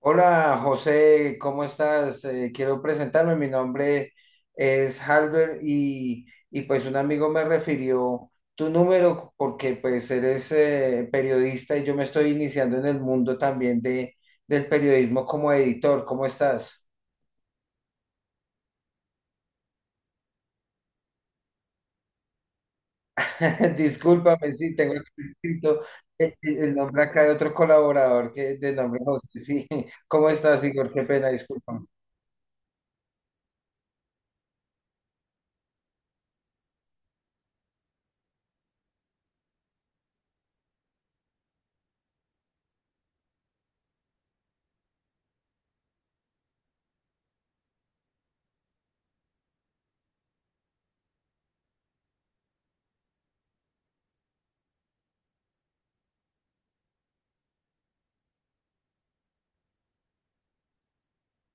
Hola José, ¿cómo estás? Quiero presentarme, mi nombre es Halber y pues un amigo me refirió tu número porque pues eres periodista y yo me estoy iniciando en el mundo también del periodismo como editor, ¿cómo estás? Discúlpame si tengo aquí escrito el nombre acá de otro colaborador que de nombre José, sí, ¿cómo estás, Igor? Qué pena, discúlpame.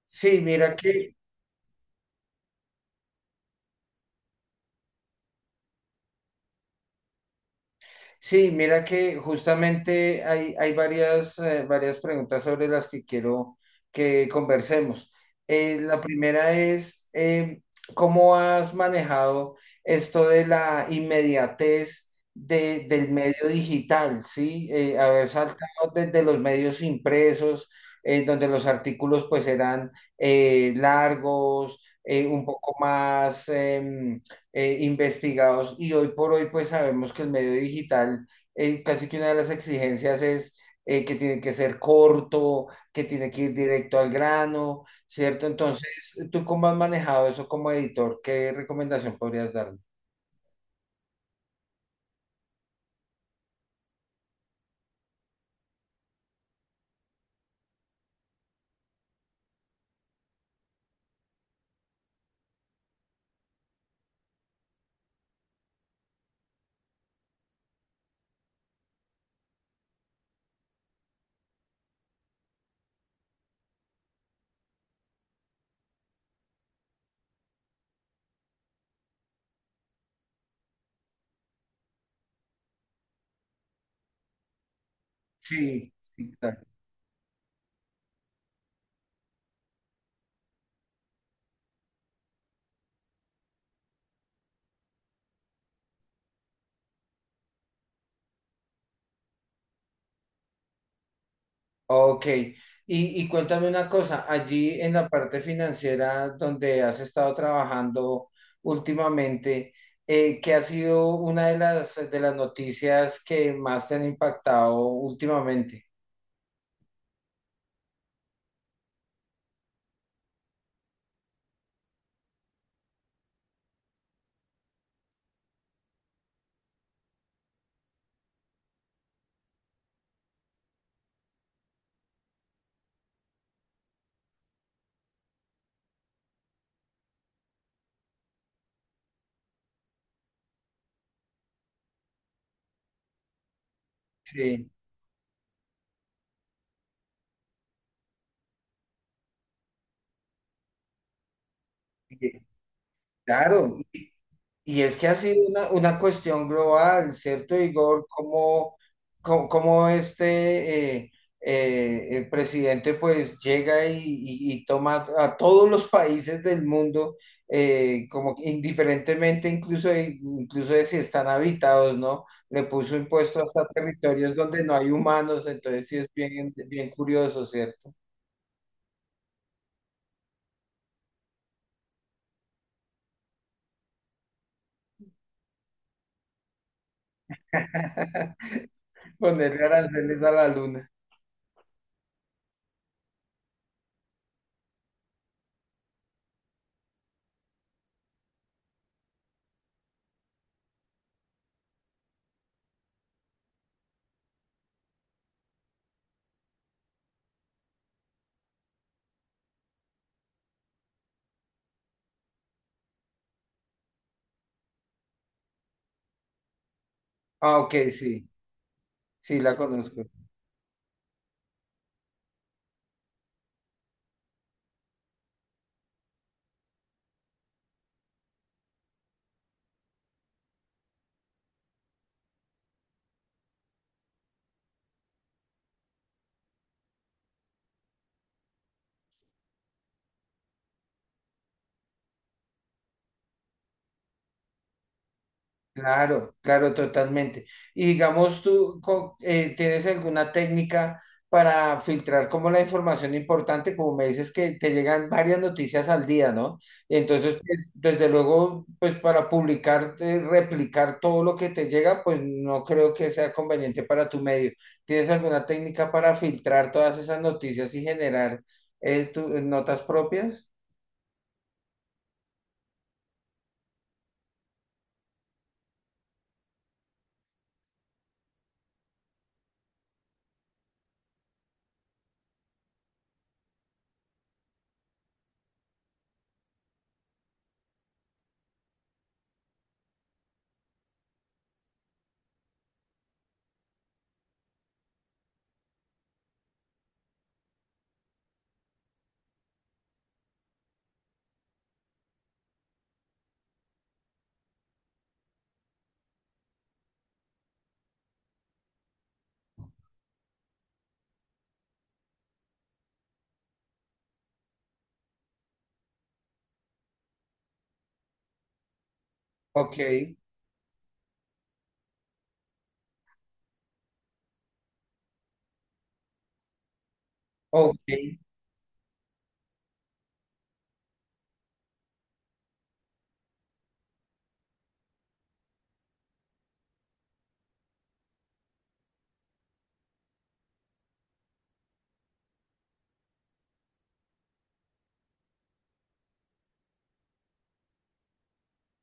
Sí, mira que Sí, mira que justamente hay varias, varias preguntas sobre las que quiero que conversemos. La primera es: ¿cómo has manejado esto de la inmediatez del medio digital? ¿Sí? Haber saltado desde los medios impresos, donde los artículos pues eran largos, un poco más investigados, y hoy por hoy pues sabemos que el medio digital, casi que una de las exigencias es que tiene que ser corto, que tiene que ir directo al grano, ¿cierto? Entonces, ¿tú cómo has manejado eso como editor? ¿Qué recomendación podrías darme? Sí, sí, claro. Ok, y, y cuéntame una cosa, allí en la parte financiera donde has estado trabajando últimamente, ¿qué ha sido una de de las noticias que más te han impactado últimamente? Sí, y- claro. Y es que ha sido una cuestión global, ¿cierto, Igor? ¿Cómo este el presidente pues llega y toma a todos los países del mundo, como que indiferentemente incluso de si están habitados, ¿no? Le puso impuesto hasta territorios donde no hay humanos, entonces sí es bien, bien curioso, ¿cierto? Ponerle aranceles a la luna. Ah, ok, sí, sí la conozco. Claro, claro, totalmente. Y digamos, ¿tienes alguna técnica para filtrar como la información importante? Como me dices que te llegan varias noticias al día, ¿no? Entonces, pues, desde luego, pues para publicar, replicar todo lo que te llega, pues no creo que sea conveniente para tu medio. ¿Tienes alguna técnica para filtrar todas esas noticias y generar notas propias? Ok, ok.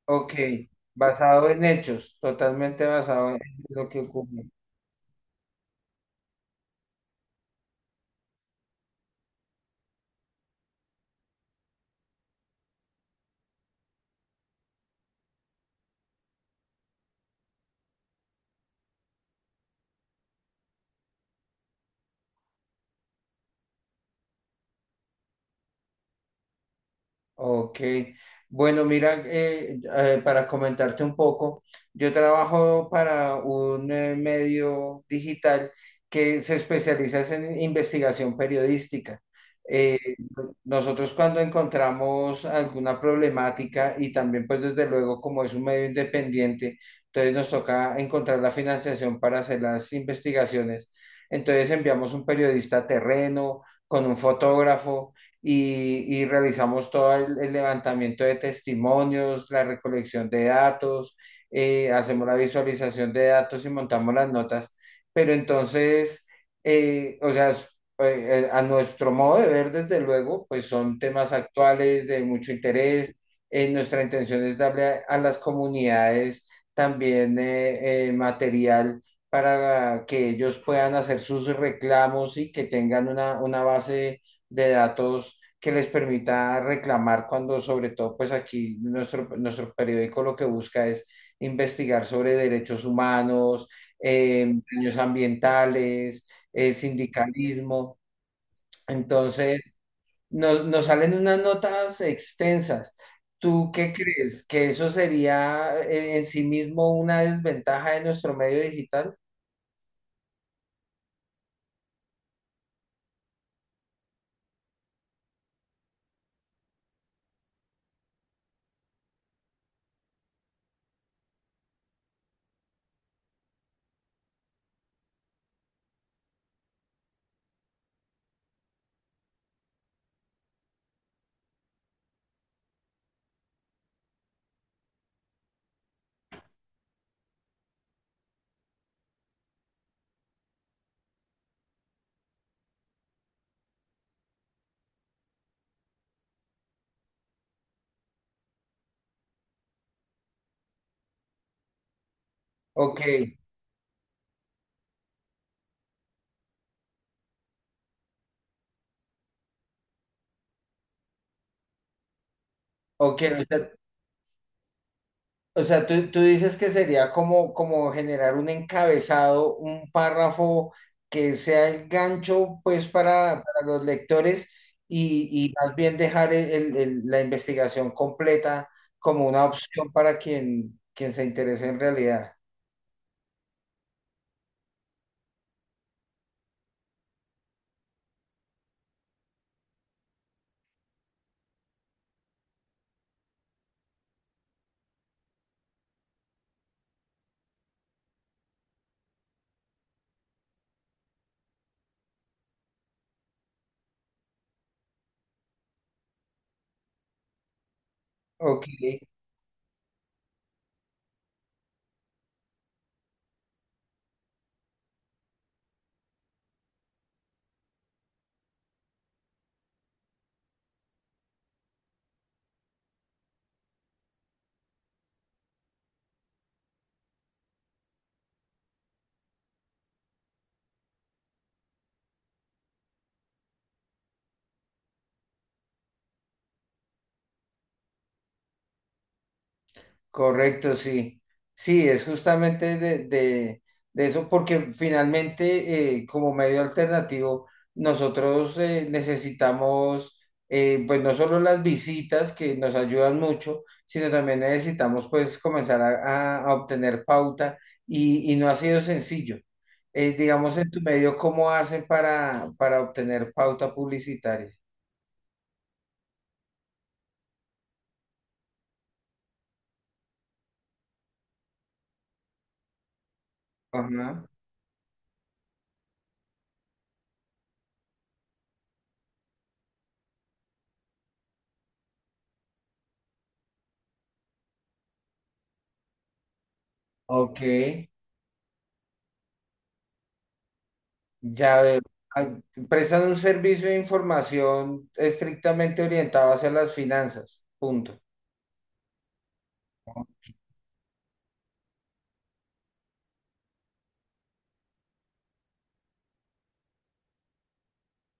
Ok, basado en hechos, totalmente basado en lo que ocurre. Ok, bueno, mira, para comentarte un poco, yo trabajo para un medio digital que se especializa es en investigación periodística. Eh, nosotros cuando encontramos alguna problemática, y también pues desde luego como es un medio independiente, entonces nos toca encontrar la financiación para hacer las investigaciones. Entonces enviamos un periodista a terreno con un fotógrafo y realizamos todo el levantamiento de testimonios, la recolección de datos, hacemos la visualización de datos y montamos las notas. Pero entonces, o sea, a nuestro modo de ver, desde luego, pues son temas actuales de mucho interés. Nuestra intención es darle a las comunidades también material para que ellos puedan hacer sus reclamos y que tengan una base de datos que les permita reclamar, cuando sobre todo pues aquí nuestro, nuestro periódico lo que busca es investigar sobre derechos humanos, daños ambientales, sindicalismo. Entonces, nos salen unas notas extensas. ¿Tú qué crees? ¿Que eso sería en sí mismo una desventaja de nuestro medio digital? Ok, ok, o sea, O sea, tú dices que sería como, como generar un encabezado, un párrafo que sea el gancho, pues, para los lectores, y más bien dejar la investigación completa como una opción para quien, quien se interese en realidad. Ok. Correcto, sí. Sí, es justamente de eso, porque finalmente como medio alternativo, nosotros necesitamos pues no solo las visitas que nos ayudan mucho, sino también necesitamos pues comenzar a obtener pauta, y no ha sido sencillo. Digamos en tu medio, ¿cómo hacen para obtener pauta publicitaria? Ajá. Ok. Ya veo. Ah, prestan un servicio de información estrictamente orientado hacia las finanzas. Punto.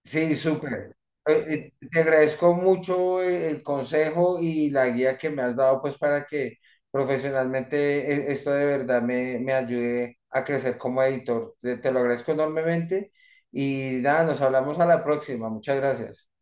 Sí, súper. Te agradezco mucho el consejo y la guía que me has dado, pues para que profesionalmente esto de verdad me ayude a crecer como editor. Te te lo agradezco enormemente y nada, nos hablamos a la próxima. Muchas gracias.